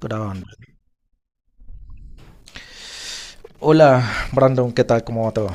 Grabando. Hola, Brandon, ¿qué tal? ¿Cómo va todo?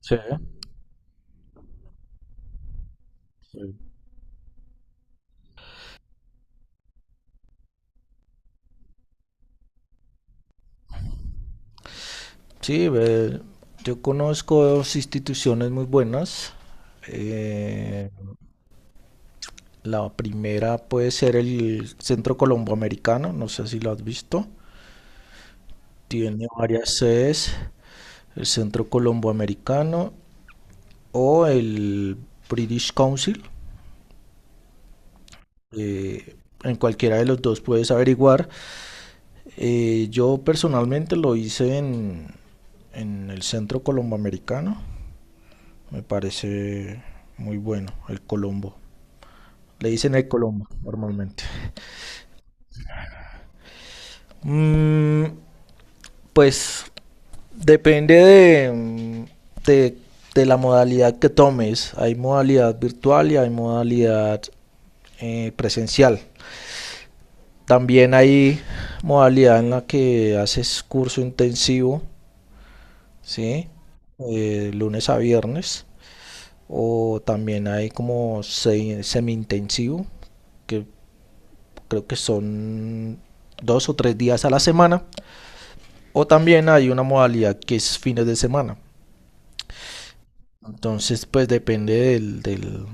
Sí, sí. Sí, ve, yo conozco dos instituciones muy buenas. Eh, la primera puede ser el Centro Colomboamericano, no sé si lo has visto. Tiene varias sedes, el Centro Colomboamericano o el British Council. Eh, en cualquiera de los dos puedes averiguar. Yo personalmente lo hice en el Centro Colomboamericano. Me parece muy bueno el Colombo. Le dicen el Colombo normalmente. Mm, pues depende de, de la modalidad que tomes. Hay modalidad virtual y hay modalidad presencial. También hay modalidad en la que haces curso intensivo, ¿sí? Lunes a viernes. O también hay como semi-intensivo, que creo que son dos o tres días a la semana. O también hay una modalidad que es fines de semana. Entonces, pues depende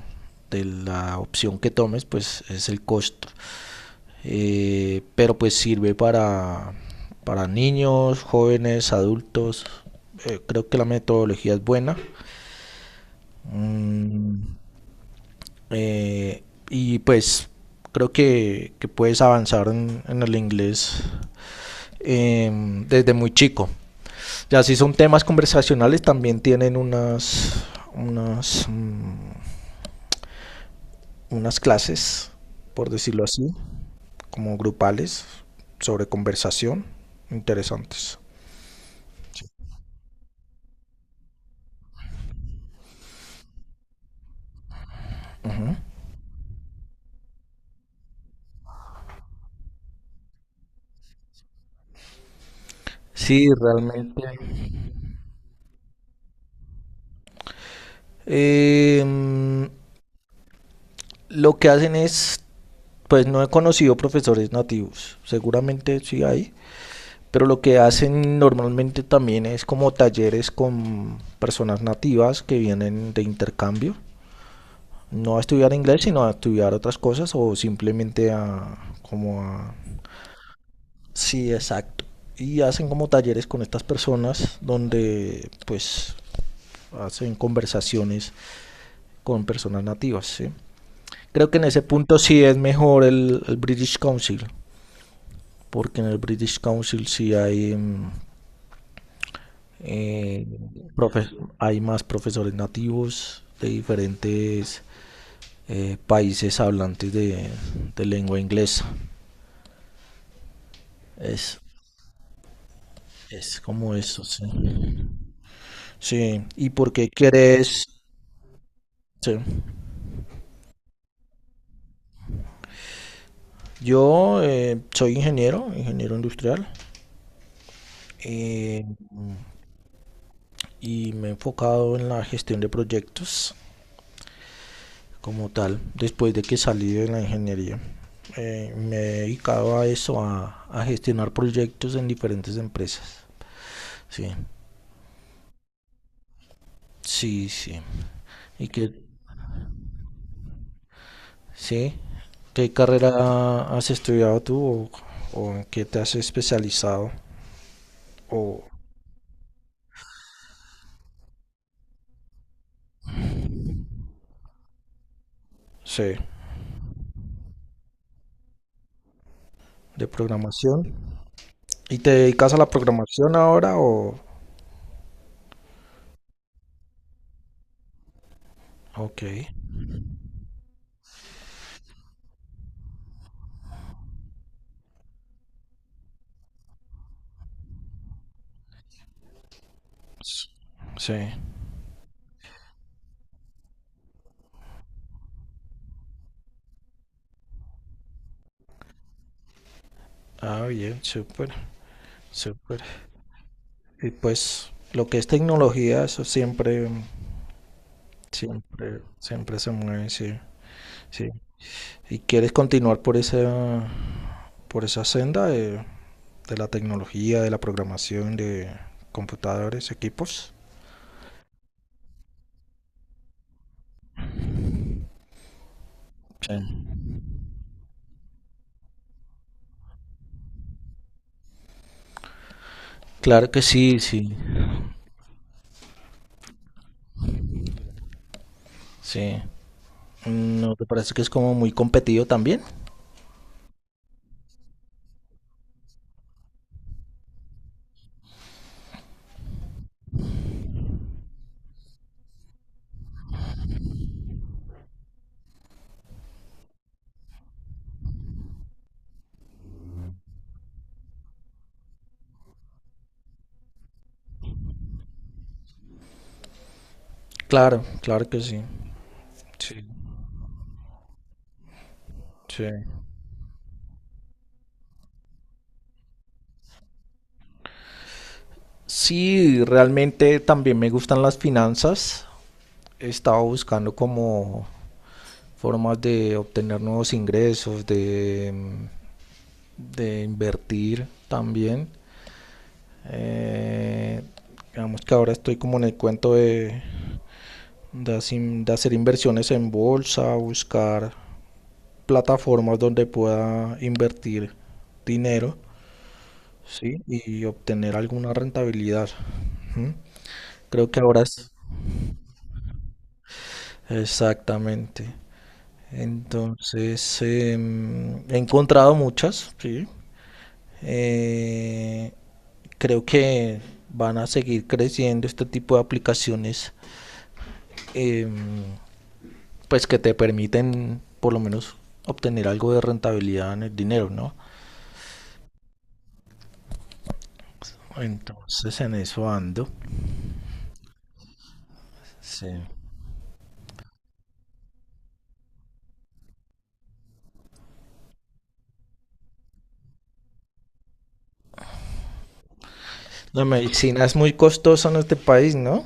de la opción que tomes, pues es el costo. Pero pues sirve para niños, jóvenes, adultos. Creo que la metodología es buena. Mm. Eh, y pues creo que puedes avanzar en el inglés, eh, desde muy chico. Ya si son temas conversacionales, también tienen unas, mm, unas clases, por decirlo así, como grupales, sobre conversación, interesantes. Sí, realmente. Em, lo que hacen es, pues no he conocido profesores nativos, seguramente sí hay, pero lo que hacen normalmente también es como talleres con personas nativas que vienen de intercambio, no a estudiar inglés, sino a estudiar otras cosas o simplemente a como a... Sí, exacto. Y hacen como talleres con estas personas donde pues hacen conversaciones con personas nativas, ¿sí? Creo que en ese punto sí es mejor el British Council, porque en el British Council sí hay mm. Eh, profe- Hay más profesores nativos de diferentes países hablantes de lengua inglesa. Es, es como eso, sí. Sí, ¿y por qué quieres? Sí. Yo soy ingeniero, ingeniero industrial, eh, y me he enfocado en la gestión de proyectos, como tal, después de que salí de la ingeniería. Me he dedicado a eso, a gestionar proyectos en diferentes empresas. Sí, sí, sí. ¿Y qué, sí? ¿Qué carrera has estudiado tú o en qué te has especializado? O, sí, de programación. ¿Y te dedicas a la programación ahora o...? Ok. S- Sí. Ah, bien, súper, súper. Y pues lo que es tecnología, eso siempre. Siempre, siempre se mueve, sí, sí. ¿Y quieres continuar por esa senda de la tecnología, de la programación, de computadores, equipos? Sí. Claro que sí, sí, sí. ¿No te parece que es como muy competido también? Claro, claro que sí. Sí, sí. Sí, realmente también me gustan las finanzas. He estado buscando como formas de obtener nuevos ingresos, de invertir también. Eh, digamos que ahora estoy como en el cuento de, hacer- inversiones en bolsa, buscar plataformas donde pueda invertir dinero, ¿sí? Y obtener alguna rentabilidad. Ujú. Creo que ahora es exactamente. Entonces, he encontrado muchas, sí. Eh, Creo que van a seguir creciendo este tipo de aplicaciones, eh, pues que te permiten por lo menos obtener algo de rentabilidad en el dinero, ¿no? Entonces en eso ando. Sí. La medicina es muy costosa en este país, ¿no?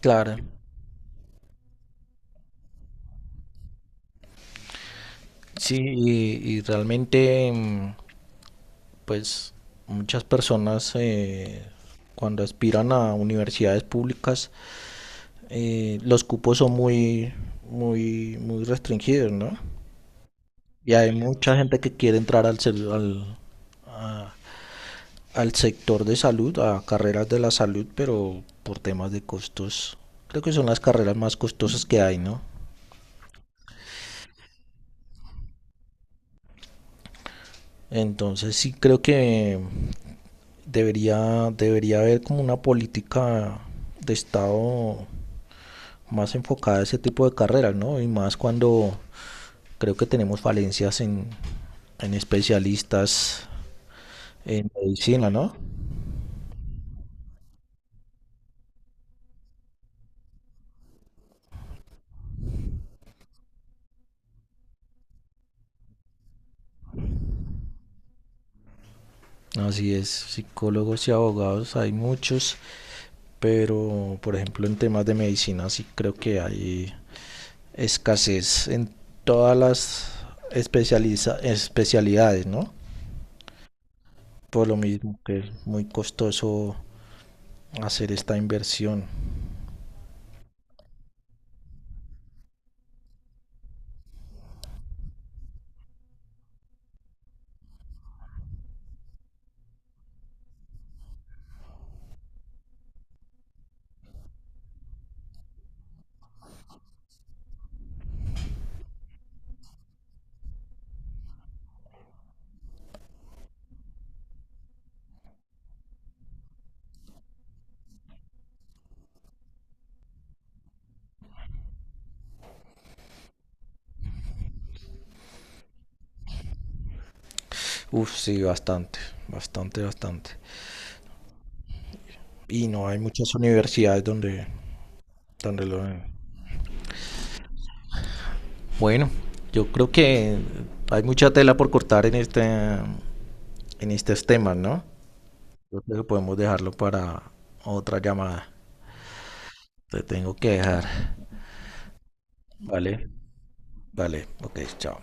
Claro. Sí, y realmente, mm, pues muchas personas cuando aspiran a universidades públicas, los cupos son muy, muy, muy restringidos, ¿no? Y hay mucha gente que quiere entrar a- al sector de salud, a carreras de la salud, pero por temas de costos. Creo que son las carreras más costosas que hay, ¿no? Entonces sí creo que debería haber como una política de Estado más enfocada a ese tipo de carreras, ¿no? Y más cuando creo que tenemos falencias en especialistas en medicina, ¿no? Así es, psicólogos y abogados, hay muchos, pero por ejemplo en temas de medicina sí creo que hay escasez en todas las especialidades, ¿no? Por lo mismo que es muy costoso hacer esta inversión. Uf, sí, bastante, bastante, bastante. Y no hay muchas universidades donde, donde lo den. Bueno, yo creo que hay mucha tela por cortar en en estos temas, ¿no? Yo creo que podemos dejarlo para otra llamada. Te tengo que dejar. Vale, vale, ok, chao.